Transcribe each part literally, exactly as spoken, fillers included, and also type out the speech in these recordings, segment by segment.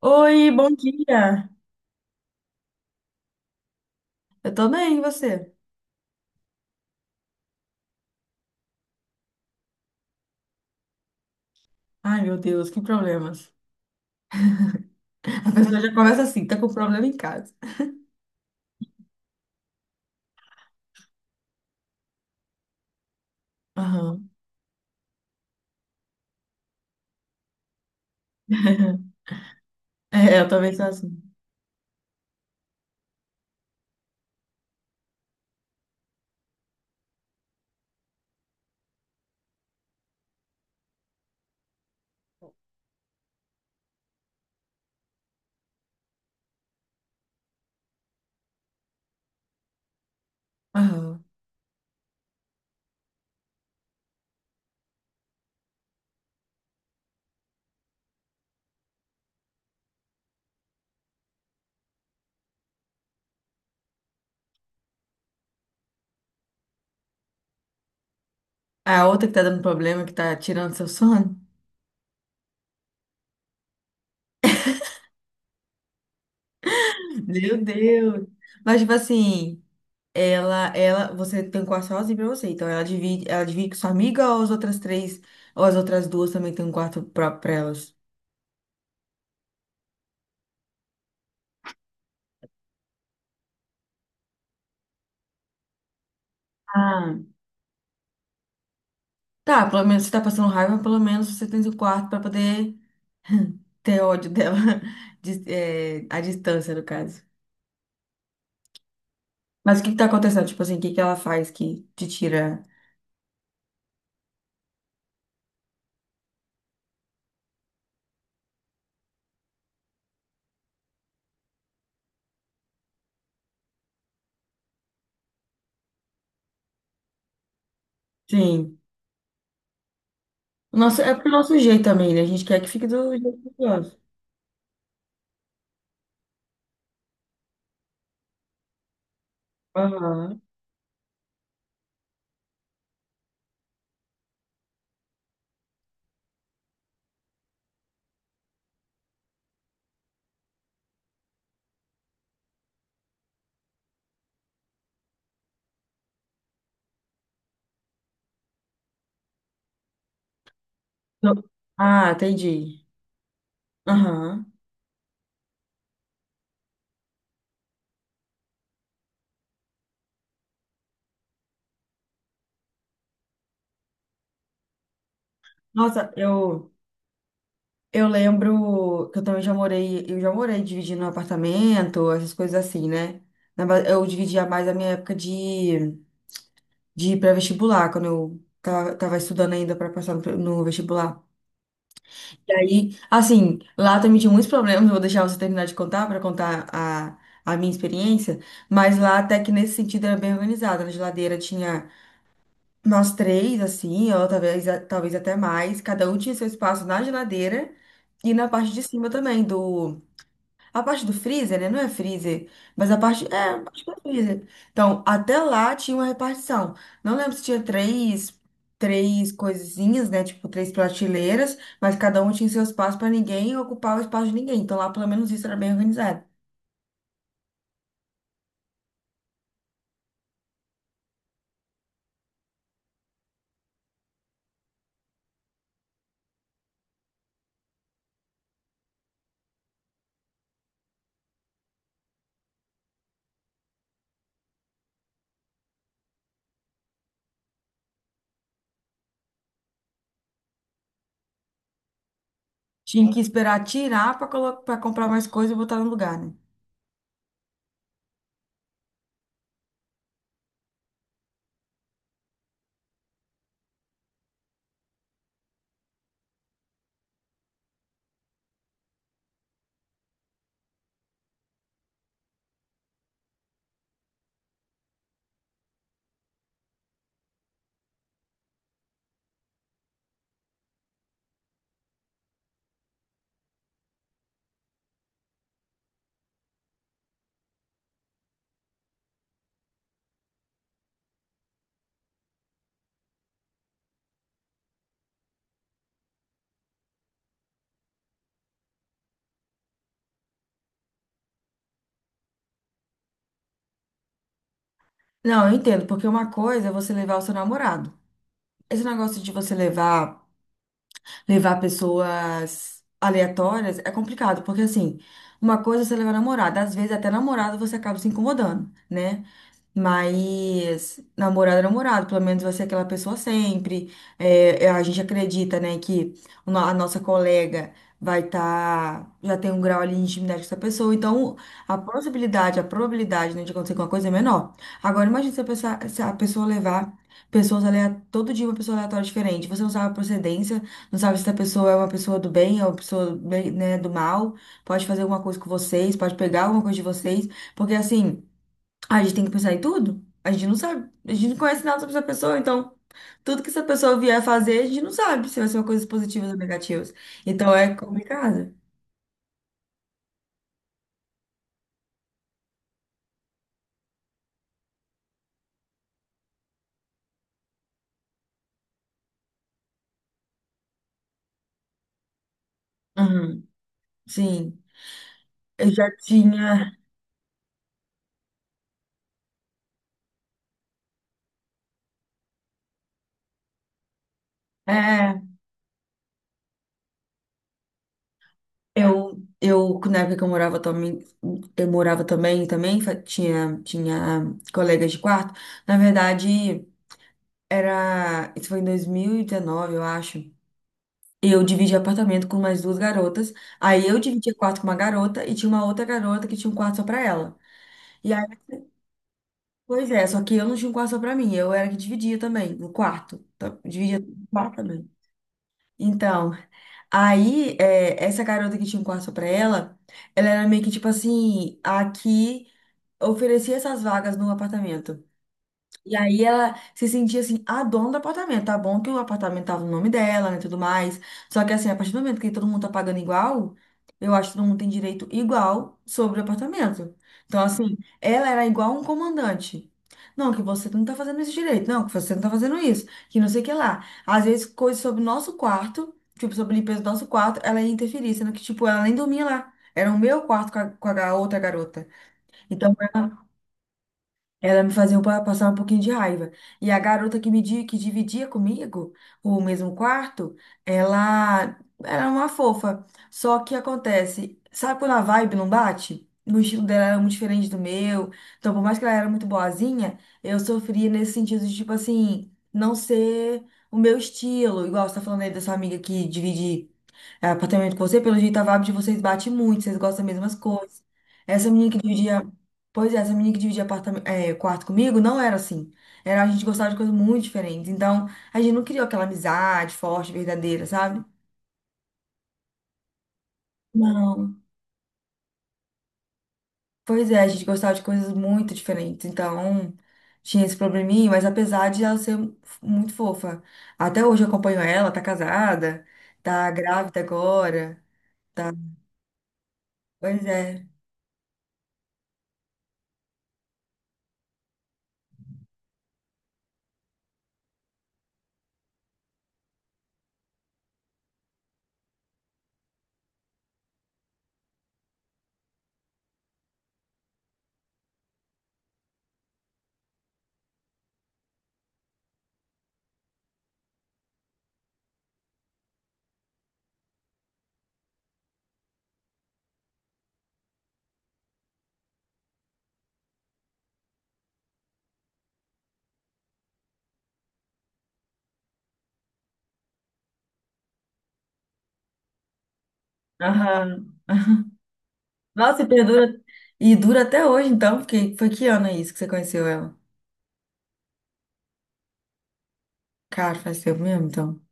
Oi, bom dia. Eu tô bem, e você? Ai, meu Deus, que problemas. A pessoa já começa assim, tá com problema em casa. Aham. É, eu também sou assim. Aham. A outra que tá dando problema, que tá tirando seu sono. Meu Deus. Mas, tipo assim, ela, ela, você tem um quarto sozinho pra você, então ela divide, ela divide com sua amiga ou as outras três, ou as outras duas também têm um quarto próprio pra elas? Ah. Tá, pelo menos você tá passando raiva, pelo menos você tem seu quarto pra poder ter ódio dela, dis- é, à distância, no caso. Mas o que que tá acontecendo? Tipo assim, o que que ela faz que te tira? Sim. O nosso, é pro nosso jeito também, né? A gente quer que fique do jeito que gosta. Aham. Eu- Ah, entendi. Aham. Nossa, eu, eu lembro que eu também já morei, eu já morei dividindo um apartamento, essas coisas assim, né? Na ba- Eu dividia mais a minha época de, de pré-vestibular, quando eu tava, tava estudando ainda para passar no, pre- no vestibular. E aí, assim, lá também tinha muitos problemas, eu vou deixar você terminar de contar para contar a, a minha experiência, mas lá até que nesse sentido era bem organizado. Na geladeira tinha nós três, assim, ou talvez, talvez até mais, cada um tinha seu espaço na geladeira e na parte de cima também do a parte do freezer, né? Não é freezer, mas a parte. É, a parte do freezer. Então, até lá tinha uma repartição. Não lembro se tinha três, três coisinhas, né? Tipo, três prateleiras, mas cada um tinha seu espaço para ninguém ocupar o espaço de ninguém. Então, lá pelo menos isso era bem organizado. Tinha que esperar tirar para colo... para comprar mais coisa e botar no lugar, né? Não, eu entendo, porque uma coisa é você levar o seu namorado. Esse negócio de você levar. Levar pessoas aleatórias é complicado, porque assim, uma coisa é você levar namorada, às vezes até namorado você acaba se incomodando, né? Mas namorado é namorado, pelo menos vai ser aquela pessoa sempre. É, é, a gente acredita, né, que o no- a nossa colega vai estar, já tem um grau ali de intimidade com essa pessoa, então a possibilidade, a probabilidade, né, de acontecer alguma coisa é menor. Agora imagina se a pessoa, se a pessoa levar pessoas aleatórias, todo dia uma pessoa aleatória diferente. Você não sabe a procedência, não sabe se essa pessoa é uma pessoa do bem, é uma pessoa, né, do mal, pode fazer alguma coisa com vocês, pode pegar alguma coisa de vocês, porque assim. A gente tem que pensar em tudo. A gente não sabe. A gente não conhece nada sobre essa pessoa, então tudo que essa pessoa vier fazer, a gente não sabe se vai ser uma coisa positiva ou negativa. Então é complicado. Uhum. Sim, eu já tinha. É, eu, eu, na época que eu morava também, eu morava também, também fa- tinha, tinha colegas de quarto. Na verdade, era. Isso foi em dois mil e dezenove, eu acho. Eu dividi apartamento com mais duas garotas. Aí eu dividia quarto com uma garota e tinha uma outra garota que tinha um quarto só pra ela. E aí, pois é, só que eu não tinha um quarto só pra mim, eu era que dividia também, no quarto. Tá? Dividia o quarto também. Então, aí é, essa garota que tinha um quarto só pra ela, ela era meio que tipo assim, a que oferecia essas vagas no apartamento. E aí ela se sentia assim, a dona do apartamento. Tá bom que o apartamento tava no nome dela, né, tudo mais. Só que assim, a partir do momento que todo mundo tá pagando igual, eu acho que todo mundo tem direito igual sobre o apartamento. Então, assim, ela era igual um comandante. Não, que você não tá fazendo esse direito. Não, que você não tá fazendo isso. Que não sei o que lá. Às vezes, coisas sobre o nosso quarto, tipo, sobre a limpeza do nosso quarto, ela ia interferir, sendo que, tipo, ela nem dormia lá. Era o meu quarto com a, com a ga- outra garota. Então, ela me fazia um pa- passar um pouquinho de raiva. E a garota que me di- que dividia comigo o mesmo quarto, ela era uma fofa. Só que acontece, sabe quando a vibe não bate? O estilo dela era muito diferente do meu. Então, por mais que ela era muito boazinha, eu sofria nesse sentido de, tipo assim, não ser o meu estilo. Igual você tá falando aí dessa amiga que divide é, apartamento com você, pelo jeito a vibe de vocês bate muito, vocês gostam das mesmas coisas. Essa menina que dividia, pois é, essa menina que dividia apartamento, é, quarto comigo não era assim. Era a gente gostava de coisas muito diferentes. Então, a gente não criou aquela amizade forte, verdadeira, sabe? Não. Pois é, a gente gostava de coisas muito diferentes. Então, tinha esse probleminha, mas apesar de ela ser muito fofa, até hoje eu acompanho ela, tá casada, tá grávida agora, tá. Pois é. Aham. Nossa, e perdura e dura até hoje, então, porque foi que ano é isso que você conheceu ela? Cara, faz tempo mesmo, então.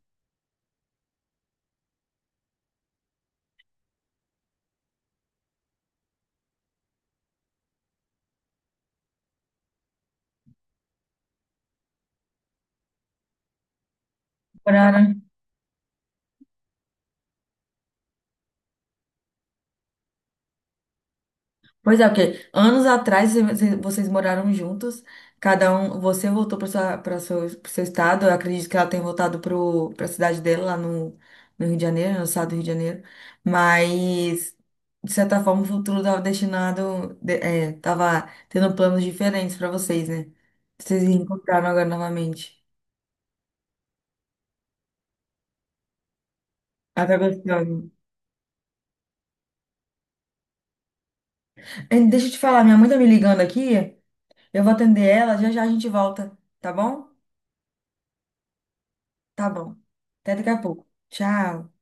Moraram. Pois é, porque anos atrás você- você- vocês moraram juntos, cada um, você voltou para sua, para seu, pro seu estado, eu acredito que ela tenha voltado para a cidade dela lá no, no Rio de Janeiro, no estado do Rio de Janeiro, mas de certa forma o futuro estava destinado, de- é, tava tendo planos diferentes para vocês, né? Vocês se encontraram agora novamente. Até gostando. Eh, Deixa eu te falar, minha mãe tá me ligando aqui. Eu vou atender ela, já já a gente volta, tá bom? Tá bom. Até daqui a pouco. Tchau.